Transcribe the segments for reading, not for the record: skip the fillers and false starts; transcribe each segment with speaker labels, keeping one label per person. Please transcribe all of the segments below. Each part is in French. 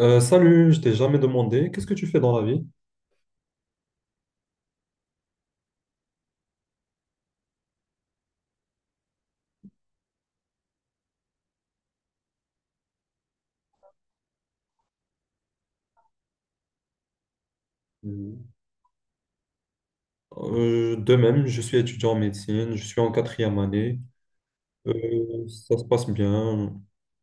Speaker 1: Salut, je t'ai jamais demandé, qu'est-ce que tu fais dans la vie? Mhm. De même, je suis étudiant en médecine, je suis en quatrième année. Ça se passe bien.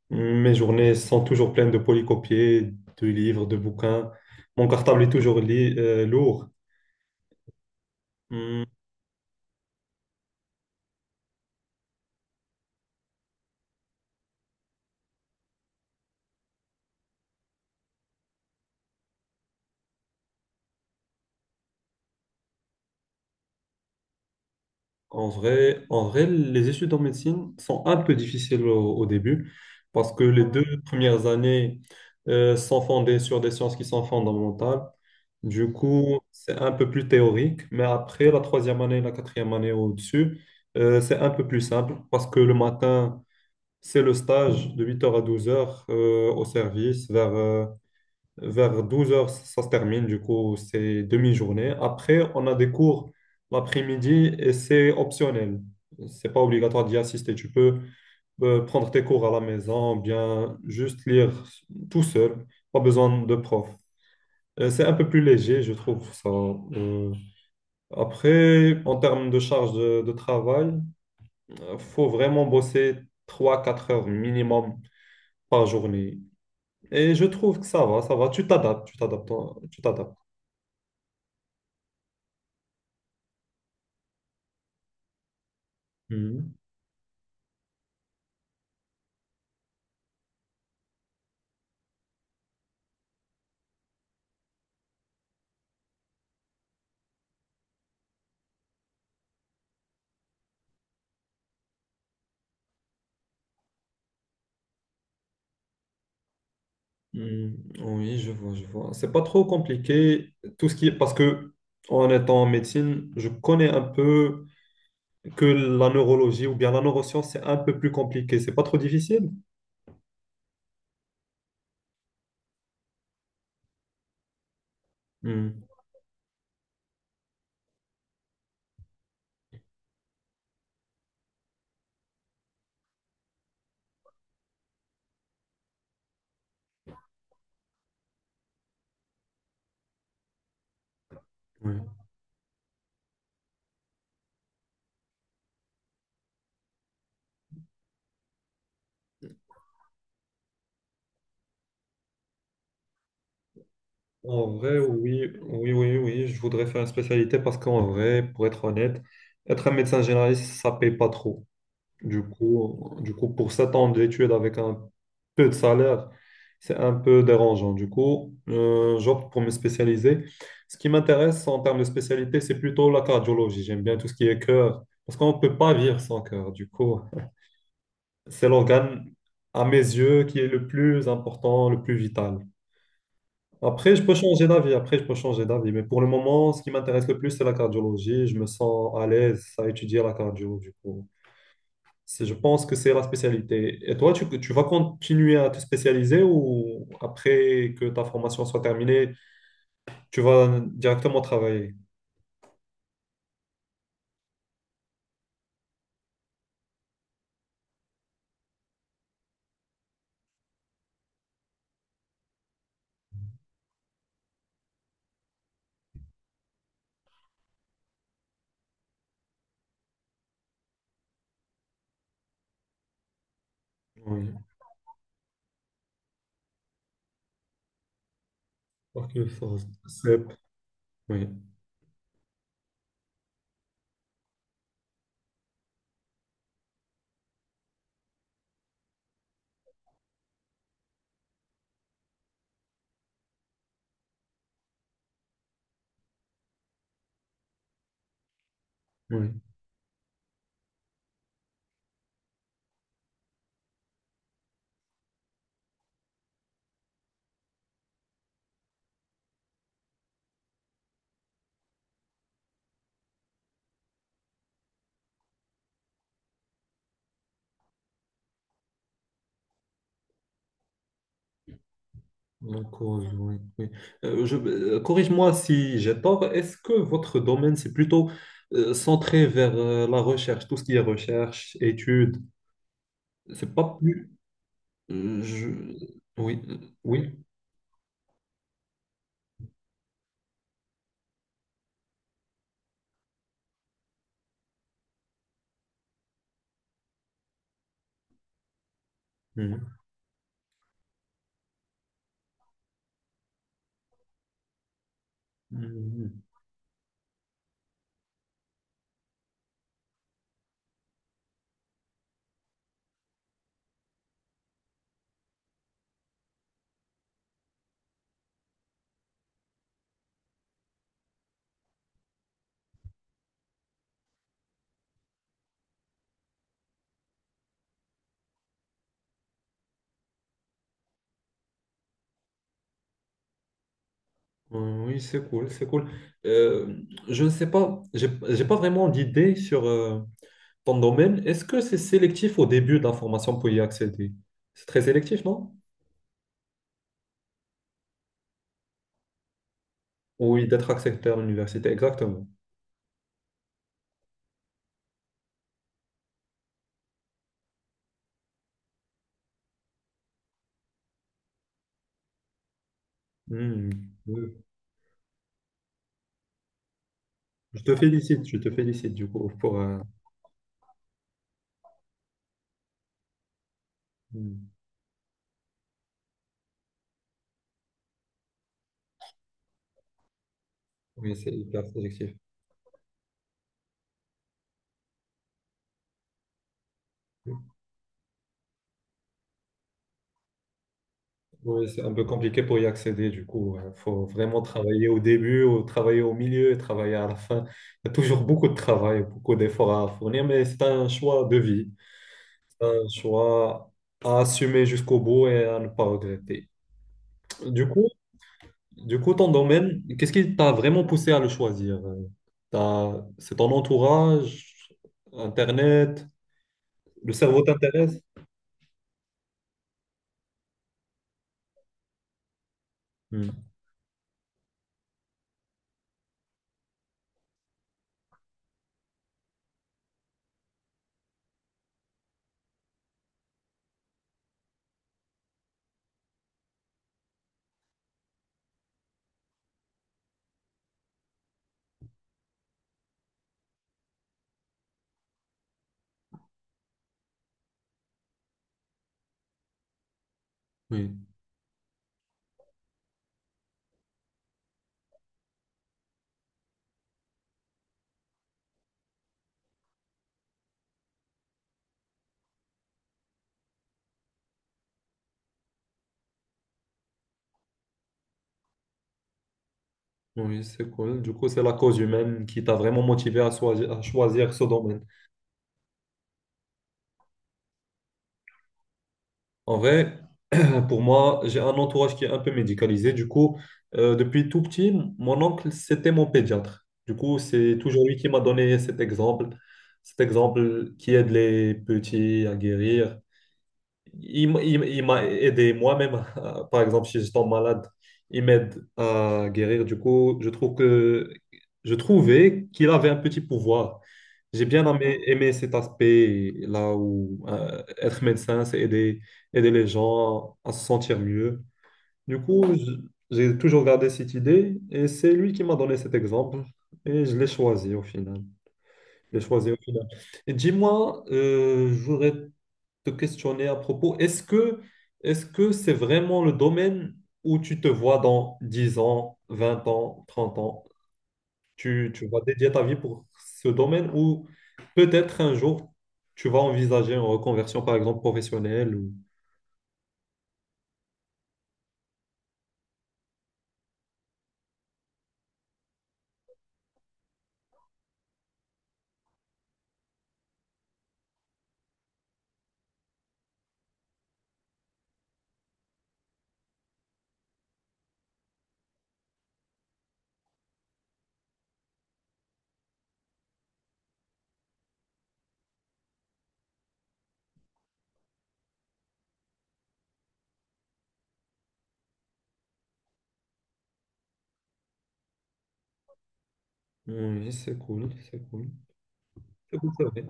Speaker 1: Mes journées sont toujours pleines de polycopiés, de livres, de bouquins. Mon cartable est toujours lourd. Hum, en vrai, les études en médecine sont un peu difficiles au début parce que les deux premières années sont fondées sur des sciences qui sont fondamentales. Du coup, c'est un peu plus théorique, mais après la troisième année, la quatrième année au-dessus, c'est un peu plus simple parce que le matin, c'est le stage de 8 heures à 12h au service. Vers 12 heures ça se termine. Du coup, c'est demi-journée. Après, on a des cours l'après-midi et c'est optionnel. C'est pas obligatoire d'y assister. Tu peux prendre tes cours à la maison, bien juste lire tout seul. Pas besoin de prof. C'est un peu plus léger, je trouve ça. Après, en termes de de travail, faut vraiment bosser trois quatre heures minimum par journée. Et je trouve que ça va, ça va. Tu t'adaptes, toi, tu t'adaptes. Mhm. Mhm. Oui, je vois, je vois. C'est pas trop compliqué, tout ce qui est parce que en étant en médecine, je connais un peu que la neurologie ou bien la neuroscience, c'est un peu plus compliqué. C'est pas trop difficile. Mhm. Oui. En vrai, oui, oui, oui, oui, je voudrais faire une spécialité parce qu'en vrai, pour être honnête, être un médecin généraliste, ça paye pas trop. Du coup, pour 7 ans d'études avec un peu de salaire, c'est un peu dérangeant. Du coup, j'opte pour me spécialiser. Ce qui m'intéresse en termes de spécialité, c'est plutôt la cardiologie. J'aime bien tout ce qui est cœur, parce qu'on ne peut pas vivre sans cœur. Du coup, c'est l'organe, à mes yeux, qui est le plus important, le plus vital. Après, je peux changer d'avis. Après, je peux changer d'avis. Mais pour le moment, ce qui m'intéresse le plus, c'est la cardiologie. Je me sens à l'aise à étudier la cardio, du coup. Je pense que c'est la spécialité. Et toi, tu vas continuer à te spécialiser ou après que ta formation soit terminée, tu vas directement travailler? Oui. Ok, force. Oui, oui. Donc, oui, oui, oui. Corrige-moi si j'ai tort. Est-ce que votre domaine, c'est plutôt centré vers la recherche, tout ce qui est recherche, études? C'est pas plus... euh, je- Oui, oui. Mhm. Mhm. Oui, c'est cool, c'est cool. Euh, je ne sais pas, j'ai pas vraiment d'idée sur ton domaine. Est-ce que c'est sélectif au début de la formation pour y accéder? C'est très sélectif, non? Oui, d'être accepté à l'université, exactement. Mhm. Oui. Je te félicite du coup pour. Mhm. Oui, c'est hyper sélectif. Oui, c'est un peu compliqué pour y accéder, du coup. Il faut vraiment travailler au début, ou travailler au milieu, et travailler à la fin. Il y a toujours beaucoup de travail, beaucoup d'efforts à fournir, mais c'est un choix de vie. C'est un choix à assumer jusqu'au bout et à ne pas regretter. Du coup, du coup, ton domaine, qu'est-ce qui t'a vraiment poussé à le choisir? C'est ton entourage, Internet, le cerveau t'intéresse? Hmm, Oui, oui, c'est cool. Du coup, c'est la cause humaine qui t'a vraiment motivé à choisir ce domaine. En vrai, pour moi, j'ai un entourage qui est un peu médicalisé. Du coup, depuis tout petit, mon oncle, c'était mon pédiatre. Du coup, c'est toujours lui qui m'a donné cet exemple qui aide les petits à guérir. Il m'a aidé moi-même. Par exemple, si je tombe malade, il m'aide à guérir. Du coup, je trouve que je trouvais qu'il avait un petit pouvoir. J'ai bien aimé, aimé cet aspect là où être médecin, c'est aider, aider les gens à se sentir mieux. Du coup, je- j'ai toujours gardé cette idée et c'est lui qui m'a donné cet exemple et je l'ai choisi au final. Je l'ai choisi au final. Et dis-moi, je voudrais te questionner à propos, est-ce que c'est vraiment le domaine où tu te vois dans 10 ans, 20 ans, 30 ans? Tu vas dédier ta vie pour ce domaine ou peut-être un jour, tu vas envisager une reconversion, par exemple, professionnelle. Ou... Oui, c'est cool, c'est cool. C'est cool, c'est vrai.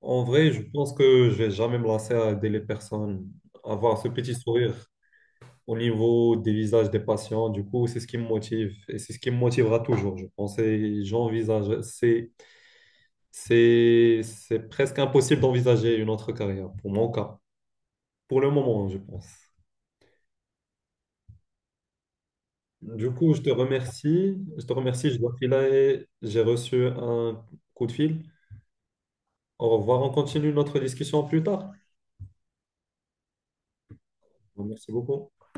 Speaker 1: En vrai, je pense que je vais jamais me lasser à aider les personnes, à avoir ce petit sourire au niveau des visages des patients. Du coup, c'est ce qui me motive et c'est ce qui me motivera toujours, je pense. Et j'envisage, c'est presque impossible d'envisager une autre carrière, pour mon cas, pour le moment, je pense. Du coup, je te remercie. Je te remercie. Je dois filer. J'ai reçu un coup de fil. Au revoir. On continue notre discussion plus tard. Merci beaucoup.